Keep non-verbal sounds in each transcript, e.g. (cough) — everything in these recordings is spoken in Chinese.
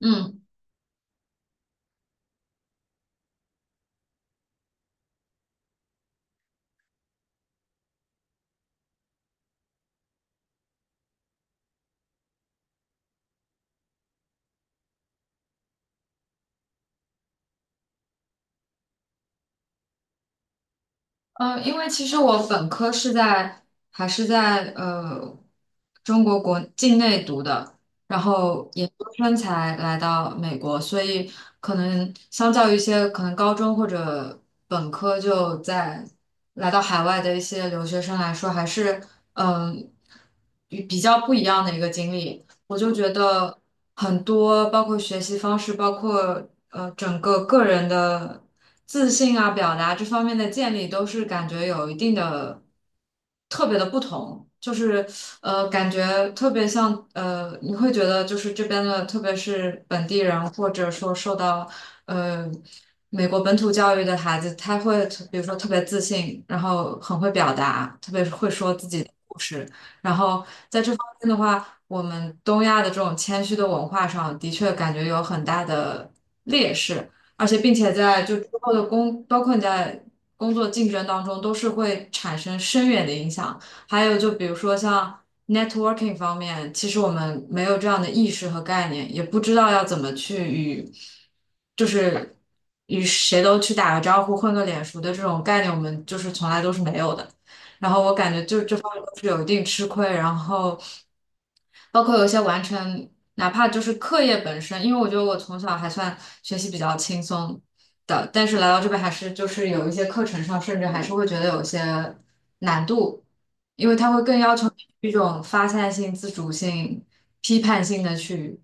嗯，因为其实我本科是在还是在呃中国国境内读的，然后研究生才来到美国，所以可能相较于一些可能高中或者本科来到海外的一些留学生来说，还是嗯、与比较不一样的一个经历。我就觉得很多，包括学习方式，包括整个个人的自信啊、表达这方面的建立，都是感觉有一定的特别的不同。就是感觉特别像你会觉得就是这边的，特别是本地人，或者说受到呃美国本土教育的孩子，他会比如说特别自信，然后很会表达，特别是会说自己的故事。然后在这方面的话，我们东亚的这种谦虚的文化上，的确感觉有很大的劣势，而且并且在就之后的工，包括你在工作竞争当中，都是会产生深远的影响。还有就比如说像 networking 方面，其实我们没有这样的意识和概念，也不知道要怎么去与，就是与谁都去打个招呼、混个脸熟的这种概念，我们就是从来都是没有的。然后我感觉就这方面都是有一定吃亏，然后包括有一些完成，哪怕就是课业本身，因为我觉得我从小还算学习比较轻松的，但是来到这边还是就是有一些课程上，甚至还是会觉得有些难度，因为它会更要求你一种发散性、自主性、批判性的去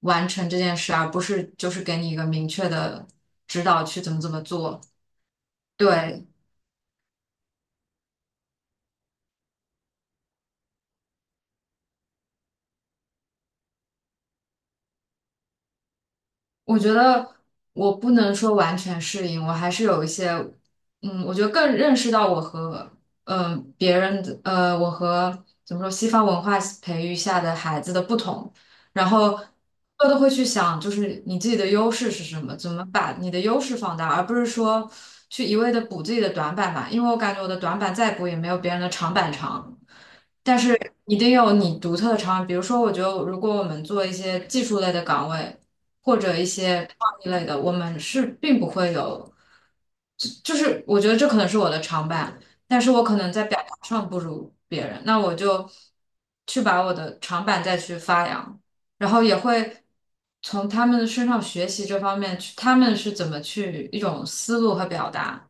完成这件事，而不是就是给你一个明确的指导去怎么怎么做。对，我觉得我不能说完全适应，我还是有一些，嗯，我觉得更认识到我和别人的我和怎么说西方文化培育下的孩子的不同，然后我都会去想，就是你自己的优势是什么，怎么把你的优势放大，而不是说去一味的补自己的短板吧，因为我感觉我的短板再补也没有别人的长板长。但是一定有你独特的长板比如说，我觉得如果我们做一些技术类的岗位。或者一些创意类的，我们是并不会有，就是我觉得这可能是我的长板，但是我可能在表达上不如别人，那我就去把我的长板再去发扬，然后也会从他们的身上学习这方面去，他们是怎么去一种思路和表达，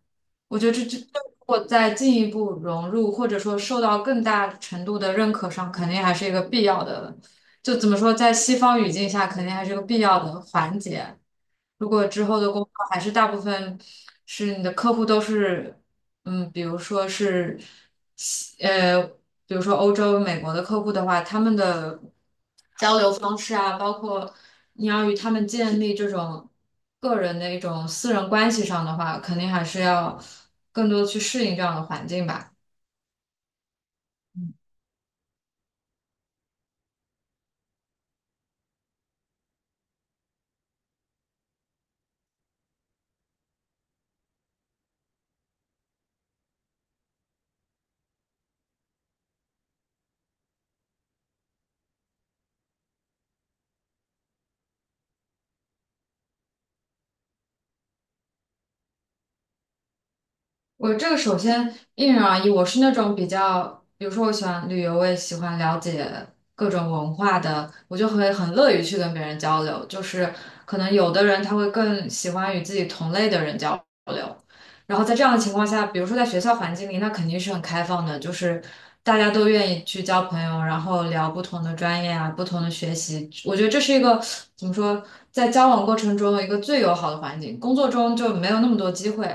我觉得这如果再进一步融入，或者说受到更大程度的认可上，肯定还是一个必要的就怎么说，在西方语境下，肯定还是个必要的环节。如果之后的工作还是大部分是你的客户都是，嗯，比如说是西，呃，比如说欧洲、美国的客户的话，他们的交流方式啊，包括你要与他们建立这种个人的一种私人关系上的话，肯定还是要更多地去适应这样的环境吧。我这个首先因人而异，我是那种比较，比如说我喜欢旅游，我也喜欢了解各种文化的，我就会很乐于去跟别人交流。就是可能有的人他会更喜欢与自己同类的人交流，然后在这样的情况下，比如说在学校环境里，那肯定是很开放的，就是大家都愿意去交朋友，然后聊不同的专业啊，不同的学习。我觉得这是一个怎么说，在交往过程中一个最友好的环境，工作中就没有那么多机会。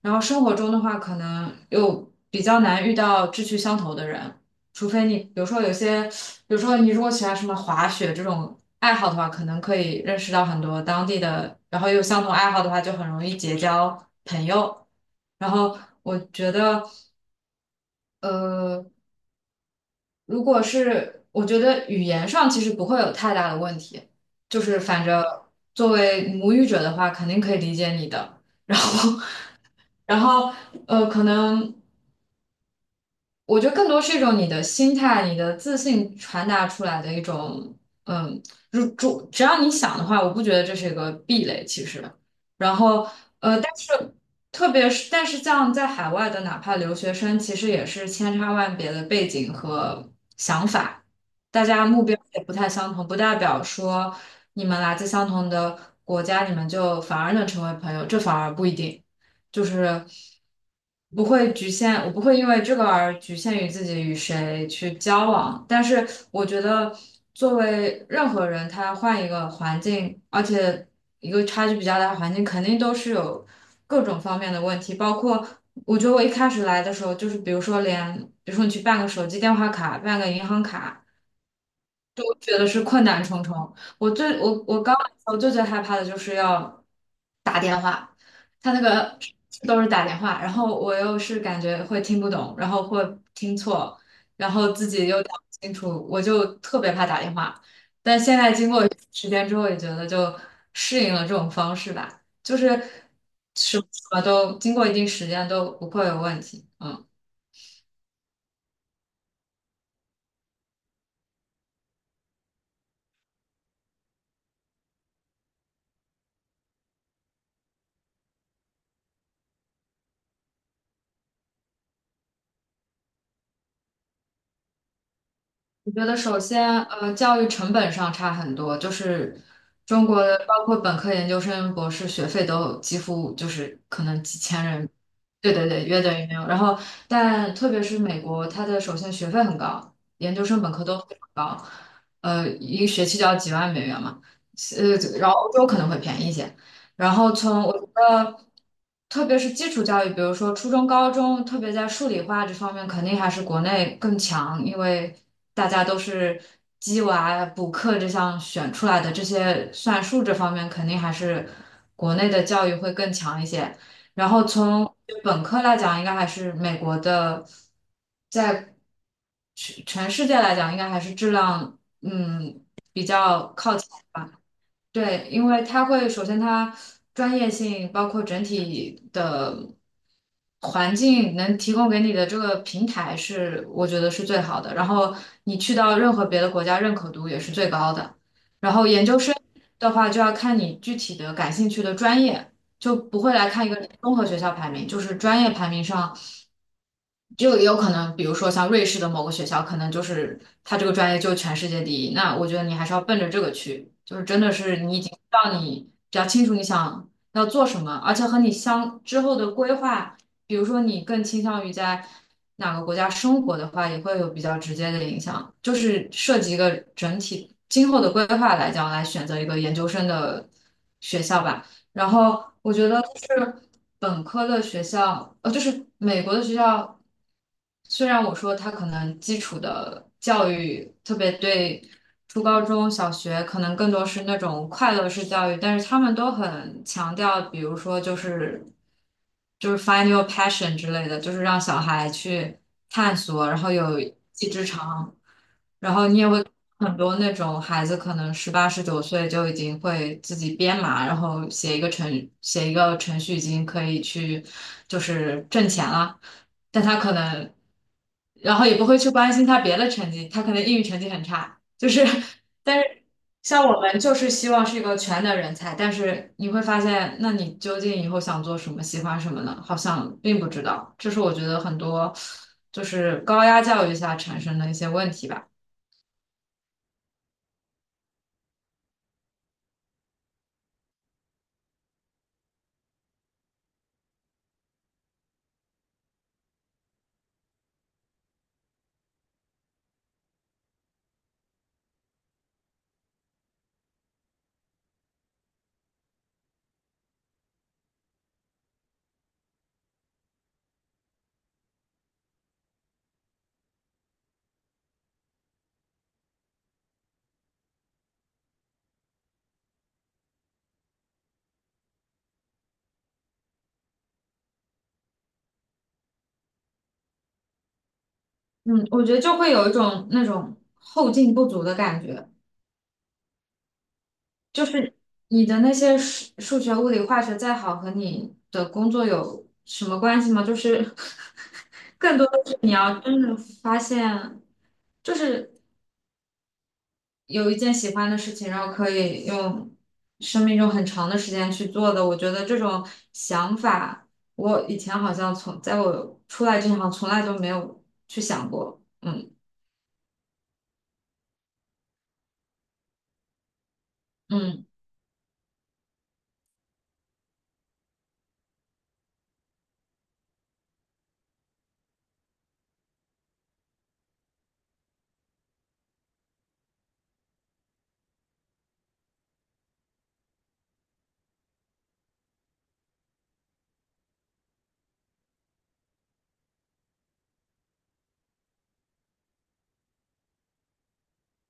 然后生活中的话，可能又比较难遇到志趣相投的人，除非你，比如说有些，比如说你如果喜欢什么滑雪这种爱好的话，可能可以认识到很多当地的，然后有相同爱好的话，就很容易结交朋友。然后我觉得，呃，如果是我觉得语言上其实不会有太大的问题，就是反正作为母语者的话，肯定可以理解你的。(laughs) 然后，(laughs) 然后可能。我觉得更多是一种你的心态、你的自信传达出来的一种，嗯，如主只要你想的话，我不觉得这是一个壁垒，其实。然后，但是特别是，但是像在海外的，哪怕留学生，其实也是千差万别的背景和想法，大家目标也不太相同，不代表说你们来自相同的国家，你们就反而能成为朋友，这反而不一定。就是不会局限，我不会因为这个而局限于自己与谁去交往。但是我觉得，作为任何人，他换一个环境，而且一个差距比较大的环境，肯定都是有各种方面的问题，包括。我觉得我一开始来的时候，就是比如说连，比如说你去办个手机电话卡，办个银行卡，就我觉得是困难重重。我最我我刚我最最害怕的就是要打电话，他那个都是打电话，然后我又是感觉会听不懂，然后会听错，然后自己又打不清楚，我就特别怕打电话。但现在经过时间之后，也觉得就适应了这种方式吧，就是什么什么都经过一定时间都不会有问题。嗯。我觉得首先，教育成本上差很多，就是中国的包括本科、研究生、博士学费都几乎就是可能几千人，对对对，约等于没有。然后，但特别是美国，它的首先学费很高，研究生、本科都非常高，一个学期就要几万美元嘛，然后欧洲可能会便宜一些，然后从我觉得，特别是基础教育，比如说初中、高中，特别在数理化这方面，肯定还是国内更强，因为大家都是鸡娃补课这项选出来的，这些算术这方面肯定还是国内的教育会更强一些。然后从本科来讲，应该还是美国的，在全世界来讲，应该还是质量嗯比较靠对，因为它会首先它专业性，包括整体的环境能提供给你的这个平台是，我觉得是最好的。然后你去到任何别的国家，认可度也是最高的。然后研究生的话，就要看你具体的感兴趣的专业，就不会来看一个综合学校排名，就是专业排名上。就也有可能，比如说像瑞士的某个学校，可能就是他这个专业就全世界第一。那我觉得你还是要奔着这个去，就是真的是你已经让你比较清楚你想要做什么，而且和你相之后的规划，比如说你更倾向于在哪个国家生活的话，也会有比较直接的影响。就是涉及一个整体今后的规划来讲，来选择一个研究生的学校吧。然后我觉得就是本科的学校，就是美国的学校，虽然我说它可能基础的教育，特别对初高中小学可能更多是那种快乐式教育，但是他们都很强调，比如说就是 find your passion 之类的，就是让小孩去探索，然后有一技之长。很多那种孩子可能18、19岁就已经会自己编码，然后写一个程序已经可以去就是挣钱了，但他可能，然后也不会去关心他别的成绩，他可能英语成绩很差，就是 (laughs) 但是像我们就是希望是一个全能人才，但是你会发现，那你究竟以后想做什么，喜欢什么呢？好像并不知道，这是我觉得很多就是高压教育下产生的一些问题吧。嗯，我觉得就会有一种那种后劲不足的感觉，就是你的那些数学、物理、化学再好，和你的工作有什么关系吗？就是 (laughs) 更多的是你要真的发现，就是有一件喜欢的事情，然后可以用生命中很长的时间去做的。我觉得这种想法，我以前好像从在我出来之前，好像从来就没有去想过。嗯嗯。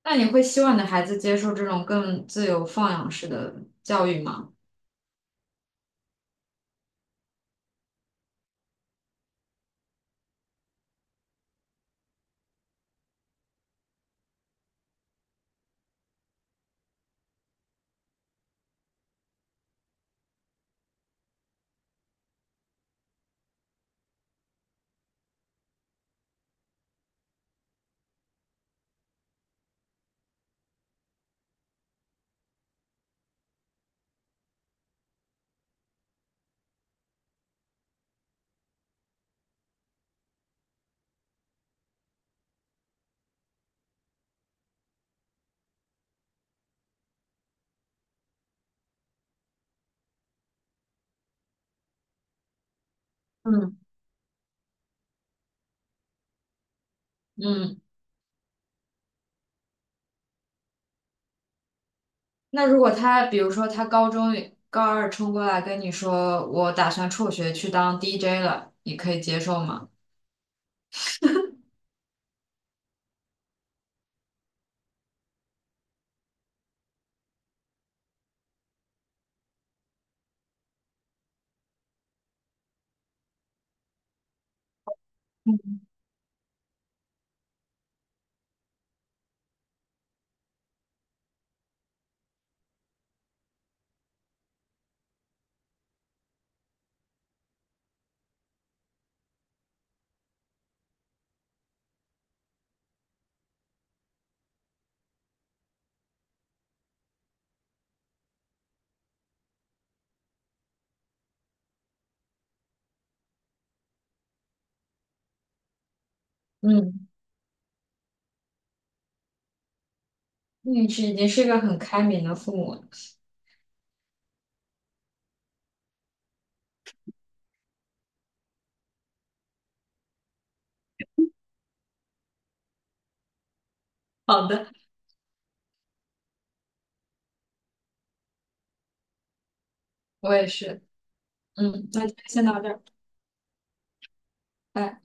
那你会希望你的孩子接受这种更自由放养式的教育吗？嗯嗯，那如果他，比如说他高中高二冲过来跟你说，我打算辍学去当 DJ 了，你可以接受吗？嗯，你是已经是一个很开明的父母了。好的，我也是，嗯，那就先到这儿。拜拜。